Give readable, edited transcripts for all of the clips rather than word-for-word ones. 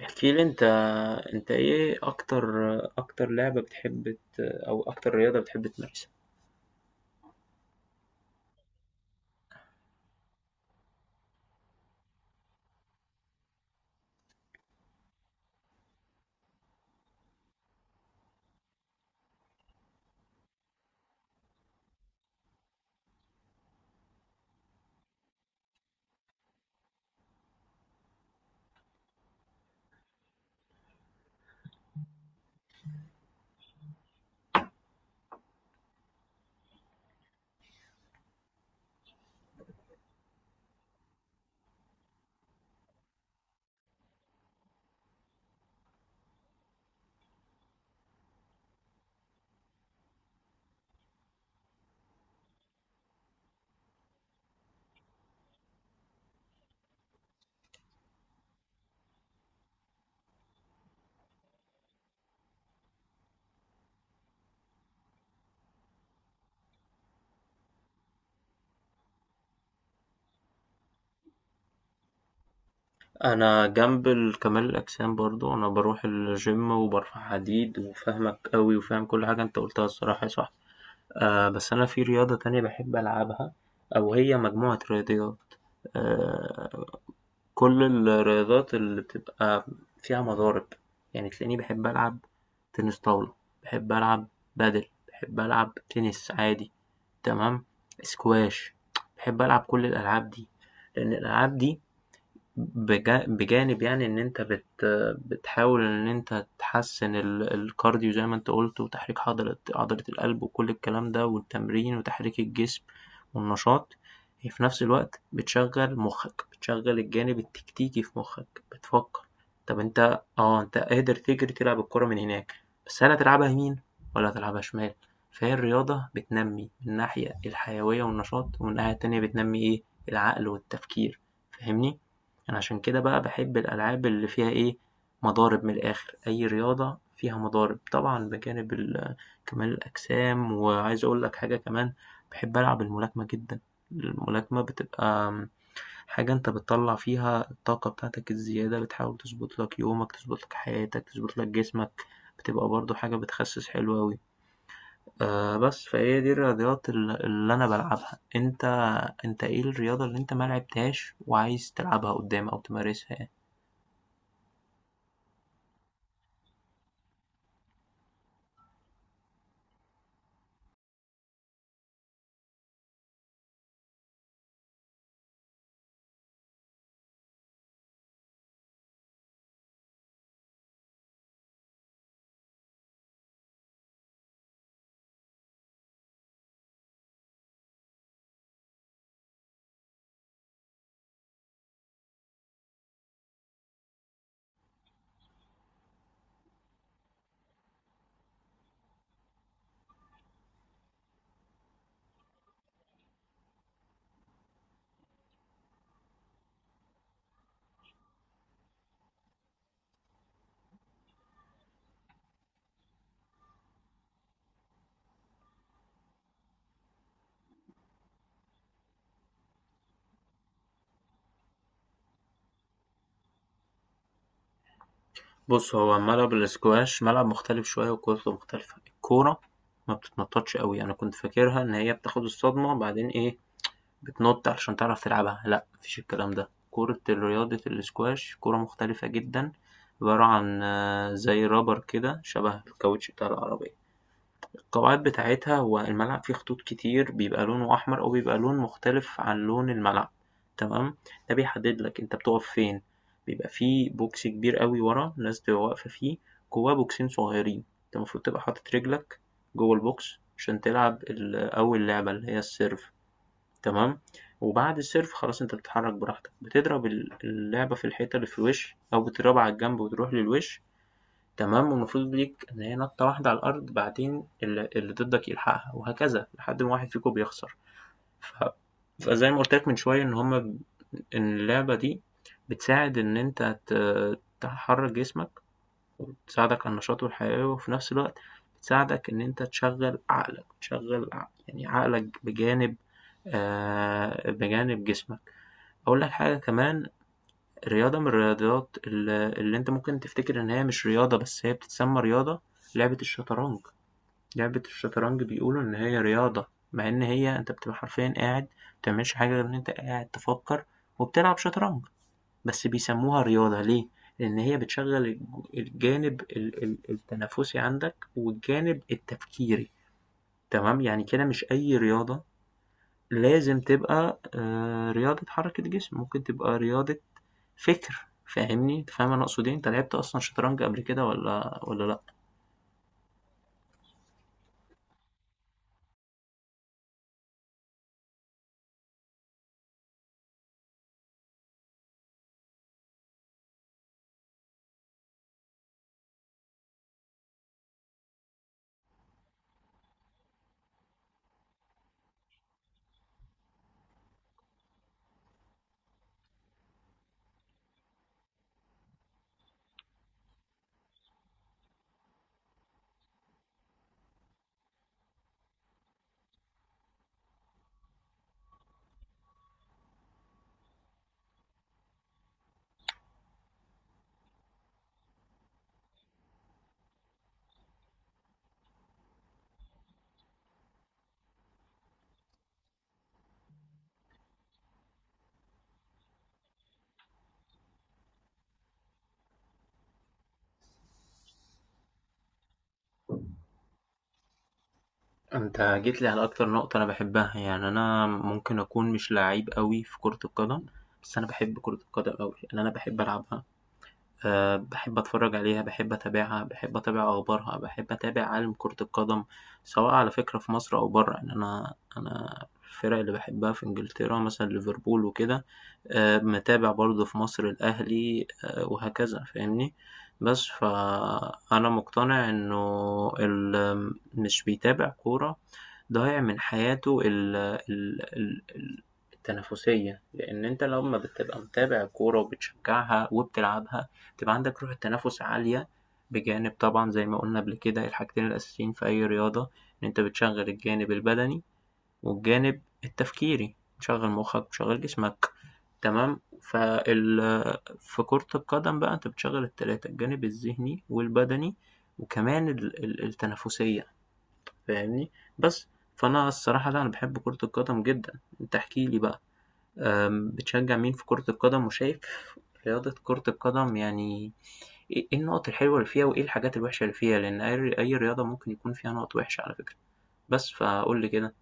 احكي لي انت. انت ايه اكتر اكتر لعبة بتحب او اكتر رياضة بتحب تمارسها؟ انا جنب كمال الاجسام برضو، انا بروح الجيم وبرفع حديد، وفاهمك قوي وفاهم كل حاجة انت قلتها، الصراحة صح. آه، بس انا في رياضة تانية بحب العبها، او هي مجموعة رياضيات. آه، كل الرياضات اللي بتبقى فيها مضارب، يعني تلاقيني بحب ألعب تنس طاولة، بحب ألعب بادل، بحب ألعب تنس عادي، تمام، سكواش. بحب ألعب كل الألعاب دي، لأن الألعاب دي بجانب يعني ان انت بتحاول ان انت تحسن الكارديو زي ما انت قلت، وتحريك عضلة القلب، وكل الكلام ده والتمرين وتحريك الجسم والنشاط، هي في نفس الوقت بتشغل مخك، بتشغل الجانب التكتيكي في مخك، بتفكر طب انت اه انت قادر تجري تلعب الكرة من هناك، بس هل هتلعبها يمين ولا هتلعبها شمال؟ فهي الرياضة بتنمي من ناحية الحيوية والنشاط، ومن ناحية تانية بتنمي ايه، العقل والتفكير. فاهمني؟ يعني عشان كده بقى باحب الألعاب اللي فيها مضارب، من الآخر، أي رياضة فيها مضارب، طبعا بجانب كمال الأجسام. وعايز أقول لك حاجة كمان، باحب ألعب الملاكمة جدًا. الملاكمة بتبقى حاجة أنت بتطلّع فيها الطاقة بتاعتك الزيادة، بتحاول تضبط لك يومك، تضبط لك حياتك، تضبط لك جسمك، بتبقى برضه حاجة بتخسِّس حلو أوي. بس فهي دي الرياضيات اللي أنا بالعبها. أنت إيه الرياضة اللي أنت ما لعبتهاش وعايز تلعبها قدّام أو تمارسها يعني؟ بُص، هو ملعب الsquash ملعب مختلف شوية وكورته مختلفة. الكورة ما بتتنطّطش أوي، أنا كنت فاكرها إن هي بتاخد الصدمة بعدين بتنُط علشان تعرف تلعبها، لأ ما فيش الكلام ده. كورة رياضة الsquash كورة مختلفة جدًا، عبارة عن زي rubber كده، شبه الكاوتش بتاع العربية. القواعد بتاعتها، هو الملعب فيه خطوط كتير بيبقى لونه أحمر أو بيبقى لون مختلف عن لون الملعب، تمام، ده بيحدد لك أنت بتقف فين. بيبقى فيه بوكس كبير أوي ورا الناس بتبقى واقفة فيه، جواه بوكسين صغيرين، أنت المفروض تبقى حاطط رجلك جوه البوكس عشان تلعب أول لعبة اللي هي السيرف، تمام، وبعد السيرف خلاص أنت بتتحرك براحتك، بتضرب اللعبة في الحيطة اللي في الوش أو بتضربها على الجنب وتروح للوش، تمام، والمفروض ليك إن هي نطّة واحدة على الأرض بعدين اللي ضدّك يلحقها، وهكذا، لحد ما واحد فيكم بيخسر. ف فزي ما قُلت لك من شوية إن اللعبة دي بتساعد إن أنت تحرّك جسمك، وبتساعدك على النشاط والحيوية، وفي نفس الوقت بتساعدك إن أنت تشغّل عقلك، تشغّل يعني عقلك بجانب بجانب جسمك. أقول لك حاجة كمان، رياضة من الرياضيات اللي أنت ممكن تفتكر إن هي مش رياضة، بس هي بتتسمى رياضة، لعبة الشطرنج. لعبة الشطرنج بيقولوا إن هي رياضة، مع إن هي أنت بتبقى حرفيا قاعد، متعملش حاجة غير إن أنت قاعد تفكر وبتلعب شطرنج. بس بيسموها رياضة ليه؟ لأن هي بتشغل الجانب التنافسي عندك، والجانب التفكيري. تمام. يعني كده مش أي رياضة لازم تبقى رياضة حركة جسم، ممكن تبقى رياضة فِكْر. فاهمني؟ أنت فاهم أنا أقصد إيه؟ أنت لعبت أصلًا شطرنج قبل كده والّا لأ؟ أنت جيت لي على أكتر نقطة أنا باحبها. يعني أنا ممكن أكون مش لعيب أوي في كرة القدم، بس أنا باحب كرة القدم أوي، لأن أنا باحب ألعبها. آه، بحب أتفرج عليها، باحب أتابعها، باحب أتابع أخبارها، باحب أتابع عالم كرة القدم، سواء على فكرة في مصر أو برّه. يعني أنا الفرق اللي باحبها في إنجلترا مثلًا ليفربول وكده، متابع برضه في مصر الأهلي، وهكذا. فاهمني؟ بس فأنا مقتنع إنه اللي مش بيتابع كورة ضايع من حياته ال ال ال ال التنافسية، لأن أنت لمّا بتبقى متابع كورة وبتشجعها وبتلعبها، تبقى عندك روح التنافس عالية، بجانب طبعا زي ما قلنا قبل كده الحاجتين الأساسيين في أي رياضة، إن أنت بتشغل الجانب البدني والجانب التفكيري، بتشغل مخك بتشغل جسمك. تمام. في كرة القدم بقى أنت بتشغل التلاتة، الجانب الذهني والبدني وكمان التنافسية. فاهمني؟ بس فأنا الصراحة لا، أنا بحب كرة القدم جدا. أنت احكيلي بقى، بتشجع مين في كرة القدم؟ وشايف رياضة كرة القدم يعني إيه النقط الحلوة اللي فيها وإيه الحاجات الوحشة اللي فيها؟ لأن أي رياضة ممكن يكون فيها نقط وحشة على فكرة، بس فقُل لي كده.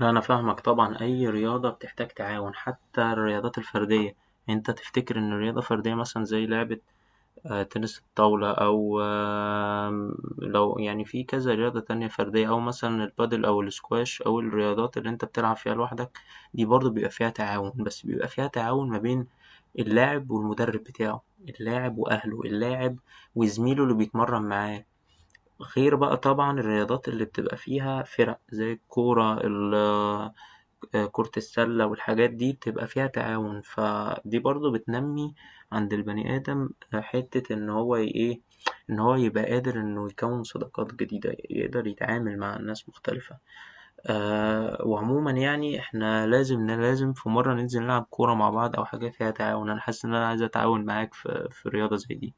لا أنا فاهمك طبعًا، أي رياضة بتحتاج تعاون، حتى الرياضات الفردية. أنت تفتكر إن رياضة فردية مثلًا زي لعبة تنس الطاولة أو لو يعني في كذا رياضة تانية فردية أو مثلًا البادل أو الsquash أو الرياضات اللي أنت بتلعب فيها لوحدك، دي برضه بيبقى فيها تعاون، بس بيبقى فيها تعاون ما بين اللاعب والمدرب بتاعه، اللاعب وأهله، اللاعب وزميله اللي بيتمرن معاه، غير بقى طبعًا الرياضات اللي بتبقى فيها فِرَق زي الكورة ال كرة السلة والحاجات دي، بتبقى فيها تعاون. فدي برضه بتنمّي عند البني آدم حتّة إن هو ي إيه، إن هو يبقى قادر إنه يكوّن صداقات جديدة، يقدر يتعامل مع ناس مختلفة. وعمومًا يعني إحنا لازم لازم في مرّة ننزل نلعب كورة مع بعض أو حاجة فيها تعاون. أنا حاسس إن أنا عايز أتعاون معاك في رياضة زي دي.